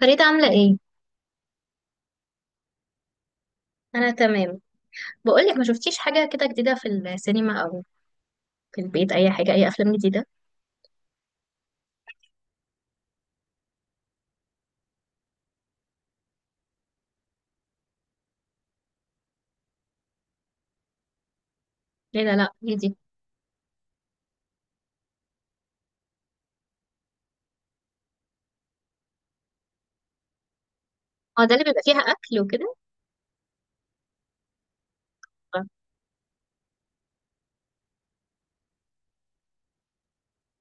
فريدة عاملة ايه؟ أنا تمام. بقولك ما شفتيش حاجة كده جديدة في السينما أو في البيت، أي حاجة، أي أفلام جديدة؟ ليه؟ لا لا ايه دي؟ اه ده اللي بيبقى فيها أكل وكده. آه،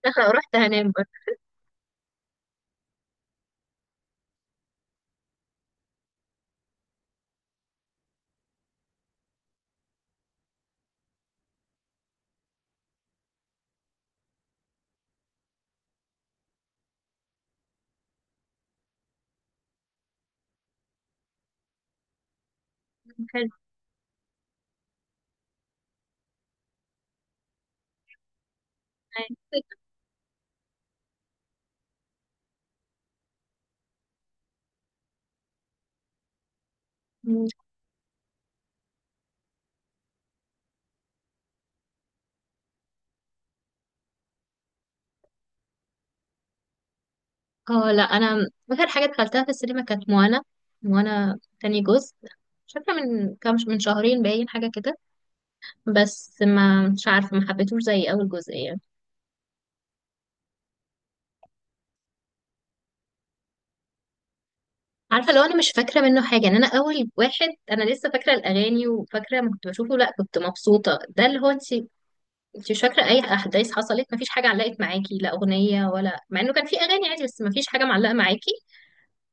داخلة ورحت هنام برضه. حلو. مم. اه لا، أنا آخر حاجة دخلتها في السينما كانت موانا، موانا تاني جزء. مش فاكرة من كام، من شهرين باين حاجة كده. بس ما مش عارفة، ما حبيتهوش زي أول جزء يعني. عارفة لو أنا مش فاكرة منه حاجة، إن أنا أول واحد أنا لسه فاكرة الأغاني وفاكرة ما كنت بشوفه، لا كنت مبسوطة، ده اللي هو أنت انت مش فاكره اي احداث حصلت، مفيش حاجه علقت معاكي لا اغنيه، ولا مع انه كان في اغاني عادي، بس مفيش حاجه معلقه معاكي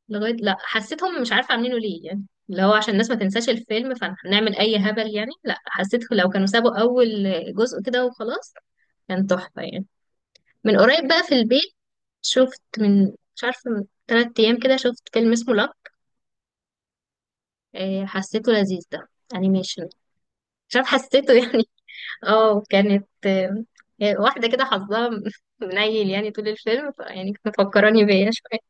لغايه. لا حسيتهم مش عارفه عاملينه ليه، يعني اللي هو عشان الناس ما تنساش الفيلم فنعمل اي هبل يعني. لا حسيت لو كانوا سابوا اول جزء كده وخلاص كان تحفه يعني. من قريب بقى في البيت شفت من، مش عارفه من 3 ايام كده، شفت فيلم اسمه لاك. حسيته لذيذ ده، انيميشن. مش عارفه حسيته يعني. اه كانت، واحدة كده حظها منيل يعني طول الفيلم، يعني كانت مفكراني بيا شوية.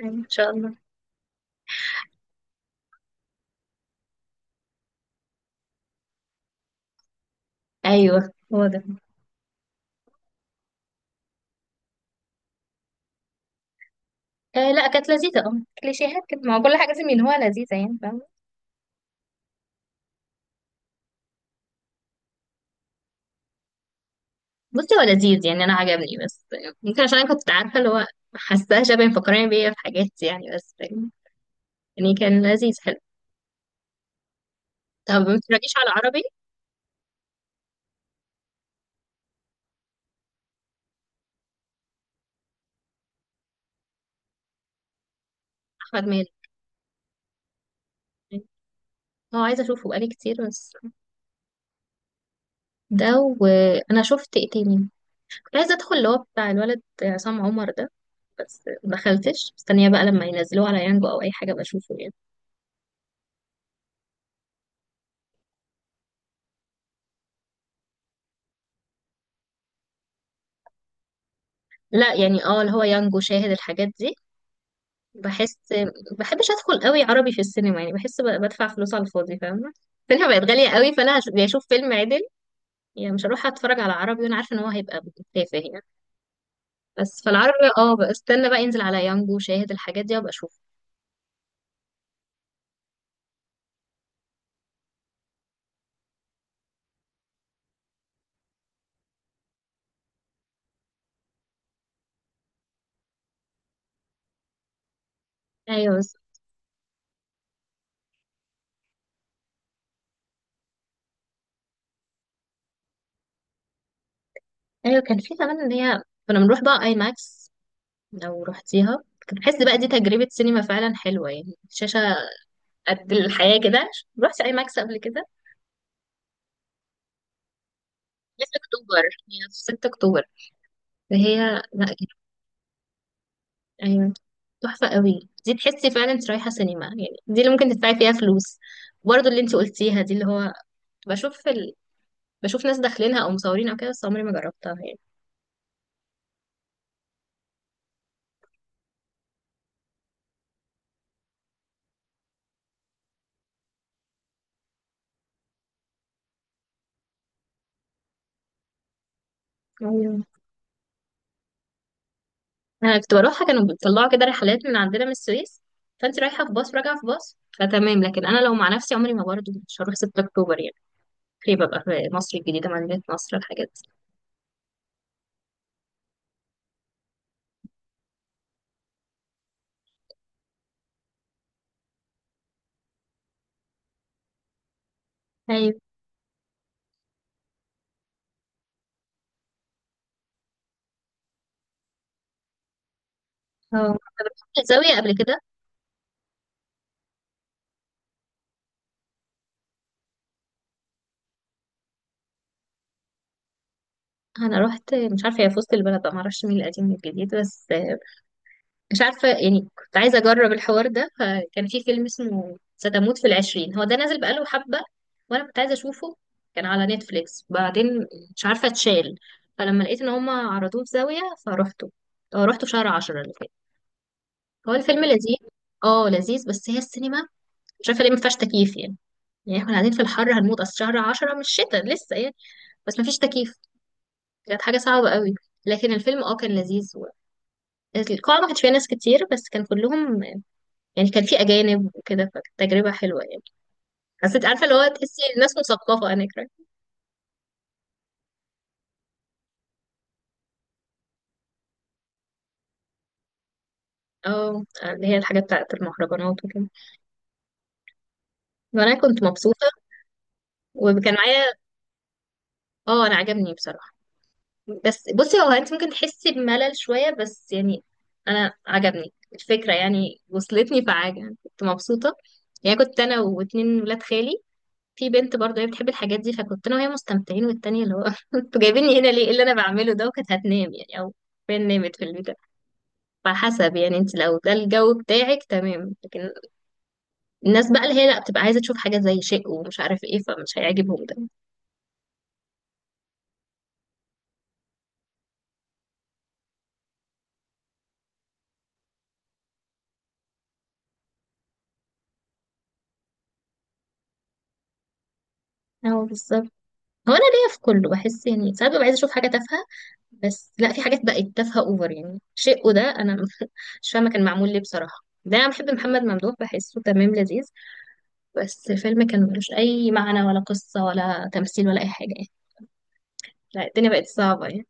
أيوة، ان شاء الله. ايوه هو ده. آه لا كانت لذيذة، اه كليشيهات كده، ما هو كل حاجة لازم ان هو لذيذة يعني، فاهمة. بصي هو لذيذ يعني، انا عجبني، بس ممكن عشان انا كنت عارفة اللي هو حاساها شبه مفكراني بيا في حاجات يعني. بس يعني كان لذيذ، حلو. طب ما بتتفرجيش على عربي؟ احمد مالك. اه عايزة اشوفه بقالي كتير بس. ده وانا شفت ايه تاني؟ كنت عايزة ادخل اللي هو بتاع الولد عصام عمر ده، بس ما دخلتش، مستنيه بقى لما ينزلوه على يانجو او اي حاجه بشوفه يعني. لا يعني اه اللي هو يانجو شاهد الحاجات دي. بحس بحبش ادخل قوي عربي في السينما يعني، بحس بدفع فلوس على الفاضي، فاهمه. السينما بقت غاليه قوي، فانا يا اشوف فيلم عدل يعني، مش هروح اتفرج على عربي وانا عارفه ان هو هيبقى تافه يعني. بس فالعربي اه بقى استنى بقى ينزل على يانجو شاهد الحاجات دي وابقى اشوف. ايوه بس. ايوه كان في زمان ان هي كنا بنروح بقى اي ماكس. لو رحتيها كنت بحس بقى دي تجربه سينما فعلا حلوه يعني، شاشه قد الحياة كده. رحت أي ماكس قبل كده؟ لسه أكتوبر، هي في 6 أكتوبر فهي. لا كانت، أيوة تحفة قوي دي، تحسي فعلا انت رايحة سينما يعني، دي اللي ممكن تدفعي فيها فلوس. برضه اللي انت قلتيها دي اللي هو بشوف في ال... بشوف ناس داخلينها أو مصورين أو كده، بس عمري ما جربتها يعني. أيوة أنا كنت بروحها، كانوا بيطلعوا كده رحلات من عندنا من السويس، فأنت رايحة في باص راجعة في باص فتمام، لكن أنا لو مع نفسي عمري، ما برضه مش هروح 6 أكتوبر يعني، خليه ببقى في مصر الجديدة، مدينة نصر، الحاجات دي. اه انا رحت الزاويه قبل كده. انا رحت مش عارفه هي في وسط البلد بقى، معرفش مين القديم من الجديد، بس مش عارفه يعني كنت عايزه اجرب الحوار ده، فكان في فيلم اسمه ستموت في العشرين، هو ده نازل بقاله حبه وانا كنت عايزه اشوفه، كان على نتفليكس بعدين مش عارفه اتشال، فلما لقيت ان هما عرضوه في زاويه فروحته. اه رحته في شهر 10 اللي فات. هو الفيلم لذيذ. اه لذيذ، بس هي السينما مش عارفه ليه ما فيهاش تكييف يعني. يعني احنا قاعدين في الحر هنموت، اصل شهر 10 مش شتاء لسه يعني، بس ما فيش تكييف. كانت حاجة صعبة قوي. لكن الفيلم اه كان لذيذ و... القاعة ما كانش فيها ناس كتير، بس كان كلهم يعني، كان في أجانب وكده، فكانت تجربة حلوة يعني. حسيت عارفة اللي هو تحسي الناس مثقفة هناك، right؟ اه اللي هي الحاجة بتاعت المهرجانات وكده. وأنا كنت مبسوطة. وكان معايا. اه أنا عجبني بصراحة، بس بصي هو أنت ممكن تحسي بملل شوية بس يعني. أنا عجبني الفكرة يعني، وصلتني فعجب، كنت مبسوطة. يعني كنت أنا واتنين ولاد خالي، في بنت برضه هي بتحب الحاجات دي، فكنت انا وهي مستمتعين، والتانية اللي هو انتوا جايبيني هنا ليه، ايه اللي انا بعمله ده، وكانت هتنام يعني، او فين نامت في البيت. على حسب يعني، انت لو ده الجو بتاعك تمام، لكن الناس بقى اللي هي لا بتبقى عايزة تشوف حاجة زي شيء ومش عارف ايه، فمش هيعجبهم ده. اه بالظبط. هو انا ليا في كله، بحس يعني ساعات ببقى عايزة اشوف حاجة تافهة، بس لا في حاجات بقت تافهة اوفر يعني، شيء وده انا مش فاهمة كان معمول ليه بصراحة، ده انا بحب محمد ممدوح بحسه تمام لذيذ، بس الفيلم كان ملوش أي معنى ولا قصة ولا تمثيل ولا أي حاجة يعني. لا الدنيا بقت صعبة يعني.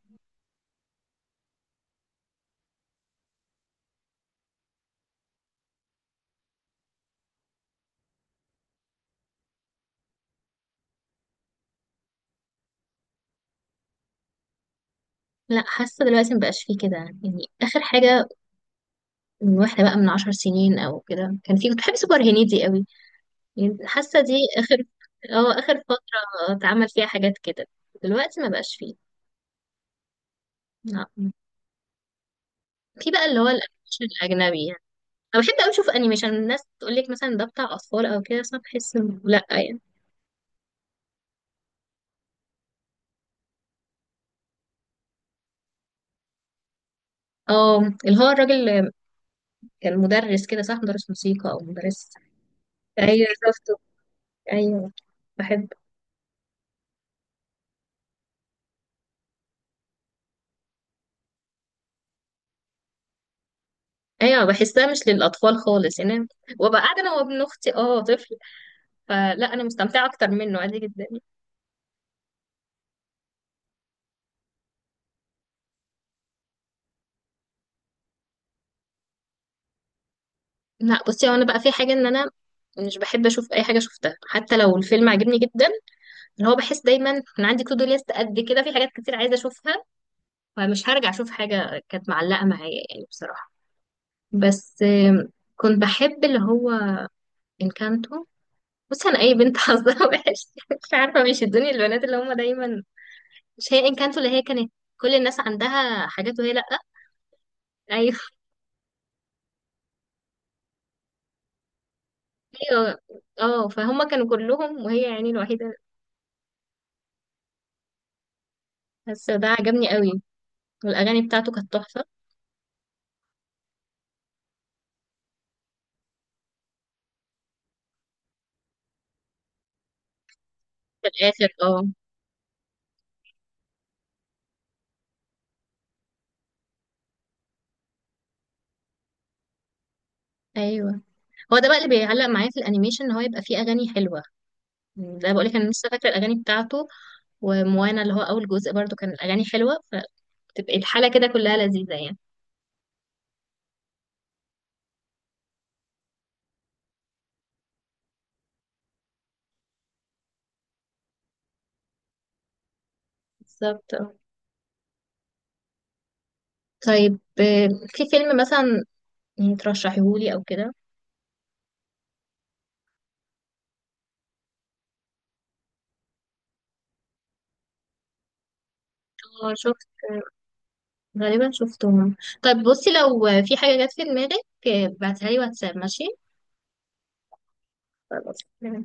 لا حاسة دلوقتي مبقاش فيه كده يعني، آخر حاجة من واحدة بقى من 10 سنين أو كده كان فيه، كنت بحب سوبر هنيدي قوي يعني، حاسة دي آخر، اه آخر فترة اتعمل فيها حاجات كده. دلوقتي مبقاش فيه، لا. في بقى اللي هو الأنيميشن الأجنبي يعني. أنا بحب أوي أشوف أنيميشن، الناس تقول لك مثلا ده بتاع أطفال أو كده، بس أنا بحس إنه لأ يعني. اه اللي هو الراجل اللي كان مدرس كده صح، مدرس موسيقى أو مدرس. ايوه شفته، ايوه، بحب. ايوه بحسها مش للاطفال خالص يعني، أنا وابقى قاعده انا وابن اختي اه طفل، فلا انا مستمتعه اكتر منه عادي جدا. لا بصي هو انا بقى في حاجه ان انا مش بحب اشوف اي حاجه شفتها حتى لو الفيلم عجبني جدا، اللي هو بحس دايما انا عندي تو دو ليست قد كده في حاجات كتير عايزه اشوفها، فمش هرجع اشوف حاجه كانت معلقه معايا يعني بصراحه. بس كنت بحب اللي هو انكانتو. بصي انا اي بنت حظها وحش، مش عارفه مش الدنيا البنات اللي هم دايما، مش هي انكانتو اللي هي كانت كل الناس عندها حاجات وهي لأ. ايوه، ايوه. اه فهم كانوا كلهم وهي يعني الوحيدة، بس ده عجبني قوي. والاغاني بتاعته كانت تحفة. في الاخر اه ايوه هو ده بقى اللي بيعلق معايا في الانيميشن، ان هو يبقى فيه اغاني حلوة. ده بقول لك انا لسه فاكرة الاغاني بتاعته. وموانا اللي هو اول جزء برضو كان الاغاني حلوة، فتبقى الحالة كده كلها لذيذة يعني. بالظبط. آه. طيب، في فيلم مثلا يعني ترشحيهولي او كده؟ اه شفت، غالبا شفتهم. طيب بصي، لو في حاجة جت في دماغك ابعتها لي واتساب، ماشي؟ خلاص.